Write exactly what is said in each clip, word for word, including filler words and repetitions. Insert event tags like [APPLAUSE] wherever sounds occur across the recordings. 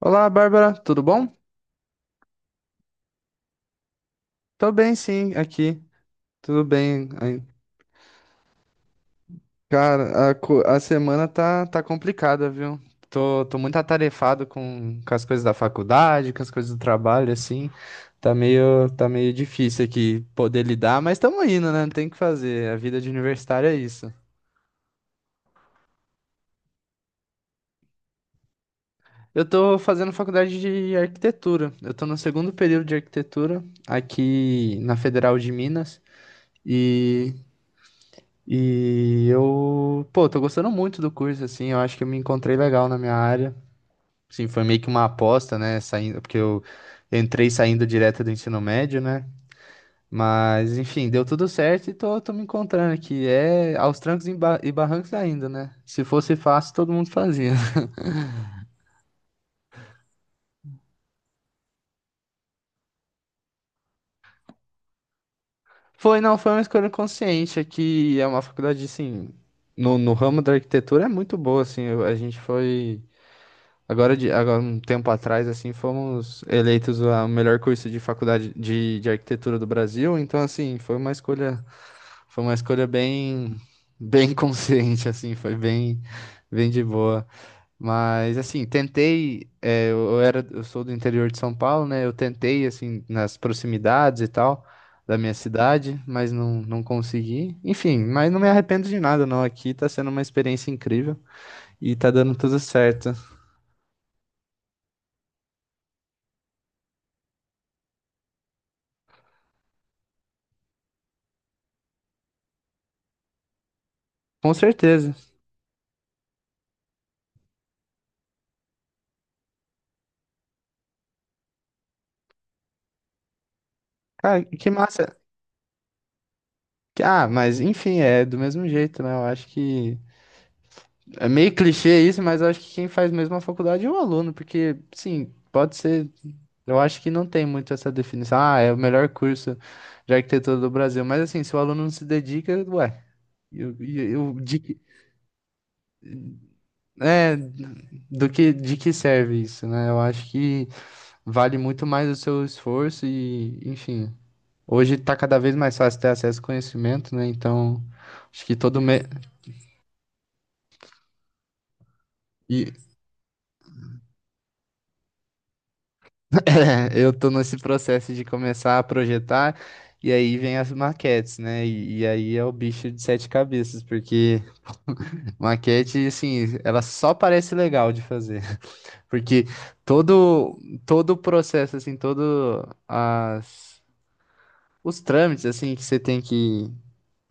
Olá, Bárbara, tudo bom? Tô bem, sim, aqui. Tudo bem. Ai, cara, a, co- a semana tá, tá complicada, viu? Tô, tô muito atarefado com, com as coisas da faculdade, com as coisas do trabalho, assim. Tá meio, tá meio difícil aqui poder lidar, mas estamos indo, né? Não tem o que fazer. A vida de universitário é isso. Eu tô fazendo faculdade de arquitetura. Eu tô no segundo período de arquitetura aqui na Federal de Minas. e E eu, pô, tô gostando muito do curso, assim, eu acho que eu me encontrei legal na minha área. Assim, foi meio que uma aposta, né, saindo, porque eu entrei saindo direto do ensino médio, né? Mas, enfim, deu tudo certo e tô, tô me encontrando aqui. É aos trancos e ba- e barrancos ainda, né? Se fosse fácil, todo mundo fazia. [LAUGHS] Foi, não, foi uma escolha consciente, aqui é uma faculdade, assim, no, no ramo da arquitetura é muito boa, assim, eu- a gente foi... Agora, de, agora, um tempo atrás, assim, fomos eleitos o melhor curso de faculdade de, de arquitetura do Brasil. Então, assim, foi uma escolha, foi uma escolha bem, bem [LAUGHS] consciente, assim, foi bem, bem de boa. Mas, assim, tentei, é, eu eu era, eu sou do interior de São Paulo, né? Eu tentei, assim, nas proximidades e tal da minha cidade, mas não, não consegui. Enfim, mas não me arrependo de nada, não. Aqui tá sendo uma experiência incrível e tá dando tudo certo. Com certeza. Cara, que massa. Ah, mas enfim, é do mesmo jeito, né? Eu acho que é meio clichê isso, mas eu acho que quem faz mesmo a faculdade é o aluno, porque, sim, pode ser. Eu acho que não tem muito essa definição. Ah, é o melhor curso de arquitetura do Brasil. Mas assim, se o aluno não se dedica, ué, eu, eu, eu- de, que- é, do que, de que serve isso, né? Eu acho que vale muito mais o seu esforço e, enfim, hoje tá cada vez mais fácil ter acesso ao conhecimento, né? Então, acho que todo mês. É, eu tô nesse processo de começar a projetar, e aí vem as maquetes, né? E, e aí é o bicho de sete cabeças, porque [LAUGHS] maquete, assim, ela só parece legal de fazer. [LAUGHS] Porque todo, todo o processo, assim, todo as, os trâmites, assim, que você tem que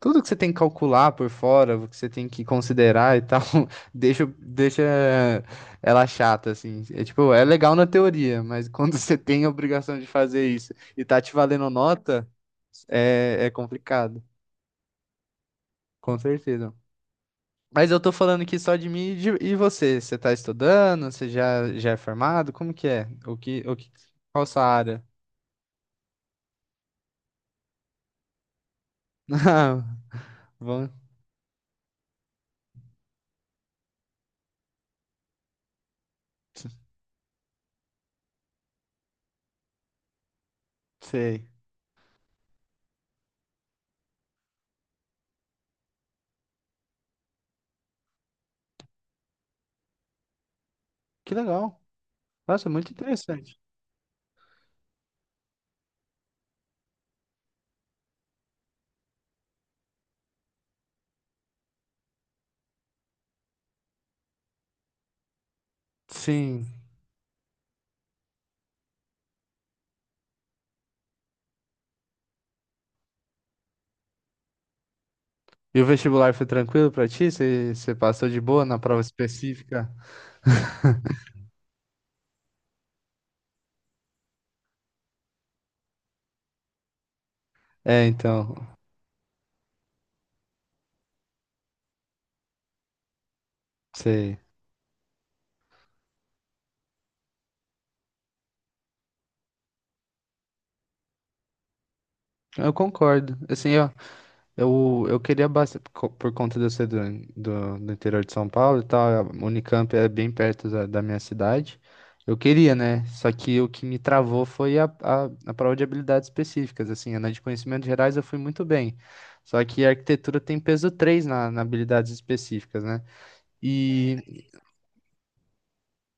tudo que você tem que calcular por fora, o que você tem que considerar e tal, [LAUGHS] deixa, deixa ela chata, assim. É tipo, é legal na teoria, mas quando [LAUGHS] você tem a obrigação de fazer isso e tá te valendo nota, é, é complicado, com certeza. Mas eu tô falando aqui só de mim e, de- e você. Você tá estudando? Você já, já é formado? Como que é? O que, o que, qual sua área? [LAUGHS] Ah, bom, sei. Que legal. Nossa, muito interessante. Sim. E o vestibular foi tranquilo pra ti? Você você passou de boa na prova específica? É, então, sei. Eu concordo. Assim, ó, eu, eu queria bastante, por conta de eu ser do, do, do interior de São Paulo e tal, a Unicamp é bem perto da, da minha cidade. Eu queria, né? Só que o que me travou foi a, a, a prova de habilidades específicas. Assim, na de conhecimentos gerais eu fui muito bem. Só que a arquitetura tem peso três na, na habilidades específicas, né? E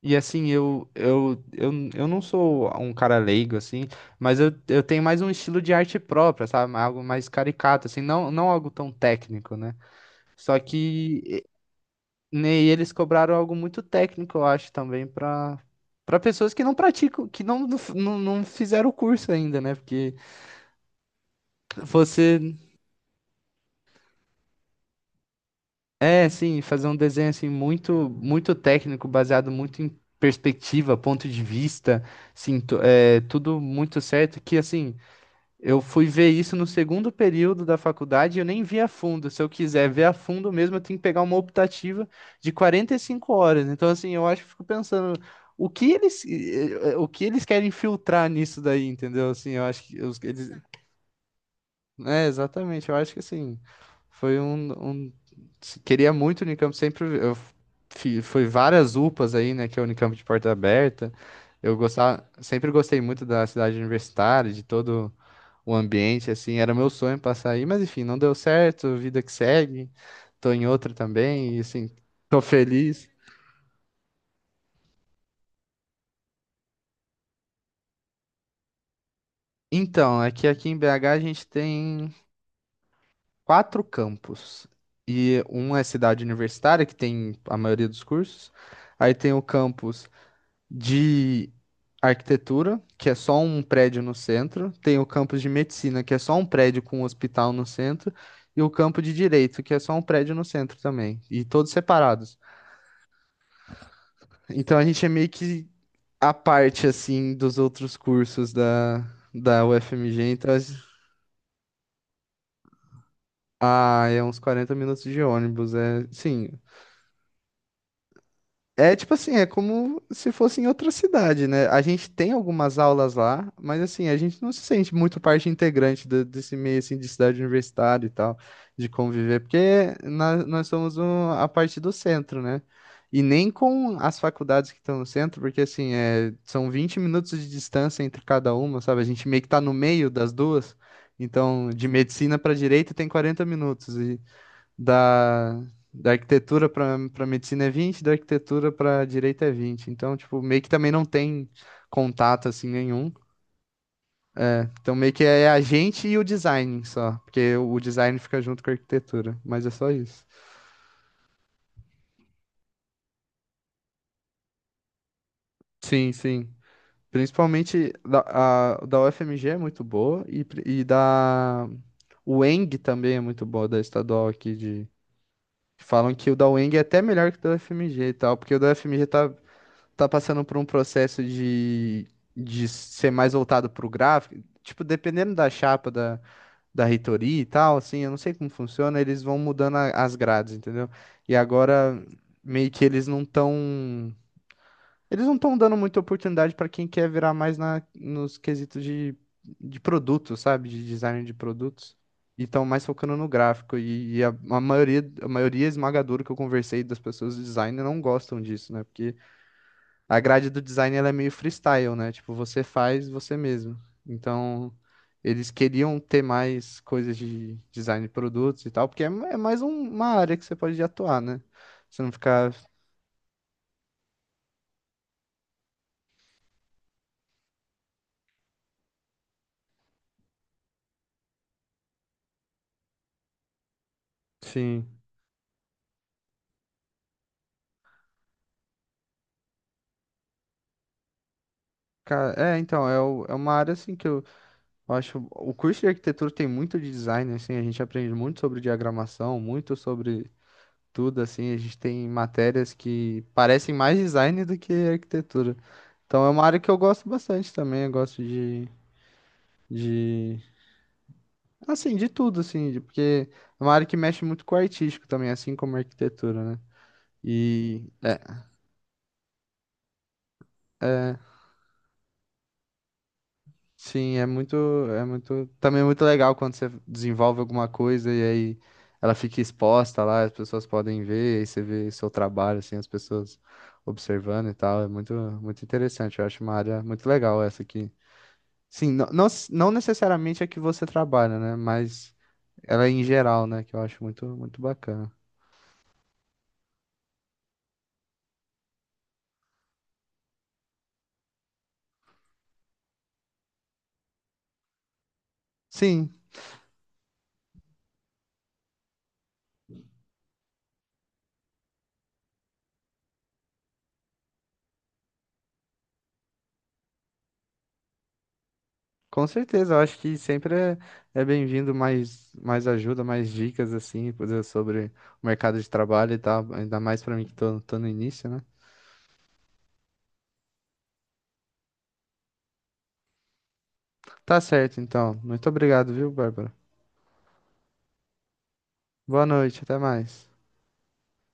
E assim, eu, eu, eu, eu não sou um cara leigo, assim, mas eu, eu tenho mais um estilo de arte própria, sabe? Algo mais caricato, assim, não, não algo tão técnico, né? Só que e- né, e eles cobraram algo muito técnico, eu acho, também, para para pessoas que não praticam, que não, não, f- não não fizeram o curso ainda, né? Porque você, é, assim, fazer um desenho, assim, muito, muito técnico, baseado muito em perspectiva, ponto de vista, assim, tu- é, tudo muito certo, que, assim. Eu fui ver isso no segundo período da faculdade e eu nem vi a fundo. Se eu quiser ver a fundo mesmo, eu tenho que pegar uma optativa de 45 horas. Então, assim, eu acho que fico pensando o que eles, eh, eh, o que eles querem filtrar nisso daí, entendeu? Assim, eu acho que os- eles. É, exatamente. Eu acho que assim, foi um, um- Queria muito o Unicamp, sempre. Eu fi- fui várias U P As aí, né? Que é o Unicamp de porta aberta. Eu gostava, sempre gostei muito da cidade universitária, de todo o ambiente, assim, era meu sonho passar aí, mas enfim, não deu certo, vida que segue, tô em outra também, e assim, tô feliz. Então, é que aqui em B H a gente tem quatro campos, e um é cidade universitária, que tem a maioria dos cursos, aí tem o campus de arquitetura, que é só um prédio no centro, tem o campus de medicina, que é só um prédio com um hospital no centro, e o campo de direito, que é só um prédio no centro também, e todos separados. Então a gente é meio que à parte, assim, dos outros cursos da, da U F M G. Então, a ah, é uns quarenta minutos de ônibus. É, sim. É tipo assim, é como se fosse em outra cidade, né? A gente tem algumas aulas lá, mas assim, a gente não se sente muito parte integrante de- desse meio assim de cidade universitária e tal, de conviver, porque nós, nós somos um- a parte do centro, né? E nem com as faculdades que estão no centro, porque assim, é, são vinte minutos de distância entre cada uma, sabe? A gente meio que tá no meio das duas. Então, de medicina para direito tem quarenta minutos da, da arquitetura para para medicina é vinte, da arquitetura para direito é vinte. Então, tipo, meio que também não tem contato assim nenhum. É, então, meio que é é a gente e o design só, porque o design fica junto com a arquitetura, mas é só isso. Sim, sim. Principalmente da, a- da U F M G é muito boa e, pri- e da U E N G também é muito boa, da estadual aqui de. Falam que o da U E N G é até melhor que o da U F M G e tal, porque o da U F M G tá tá passando por um processo de, de ser mais voltado pro gráfico. Tipo, dependendo da chapa da, da reitoria e tal, assim, eu não sei como funciona, eles vão mudando a- as grades, entendeu? E agora, meio que eles não estão. Eles não estão dando muita oportunidade para quem quer virar mais na, nos quesitos de, de produto, sabe? De design de produtos. E estão mais focando no gráfico. E, e a, a maioria, a maioria esmagadora que eu conversei das pessoas de design não gostam disso, né? Porque a grade do design ela é meio freestyle, né? Tipo, você faz você mesmo. Então, eles queriam ter mais coisas de design de produtos e tal, porque é, é mais um- uma área que você pode atuar, né? Você não ficar, assim... Cara, é, então, é, o- é uma área, assim, que eu, eu acho... O curso de arquitetura tem muito de design, assim, a gente aprende muito sobre diagramação, muito sobre tudo, assim, a gente tem matérias que parecem mais design do que arquitetura. Então, é uma área que eu gosto bastante também, eu gosto de De, assim, de tudo, assim, de- porque é uma área que mexe muito com o artístico também, assim como a arquitetura, né? E é, é, sim, é muito, é muito, também é muito legal quando você desenvolve alguma coisa e aí ela fica exposta lá, as pessoas podem ver, aí você vê seu trabalho, assim, as pessoas observando e tal, é muito, muito interessante, eu acho uma área muito legal essa aqui. Sim, não, não, s- não necessariamente a que você trabalha, né? Mas ela é em geral, né? Que eu acho muito, muito bacana. Sim, com certeza, eu acho que sempre é, é bem-vindo mais, mais ajuda, mais dicas, assim, coisa sobre o mercado de trabalho e tal, ainda mais pra mim que tô, tô no início, né? Tá certo, então. Muito obrigado, viu, Bárbara? Boa noite, até mais.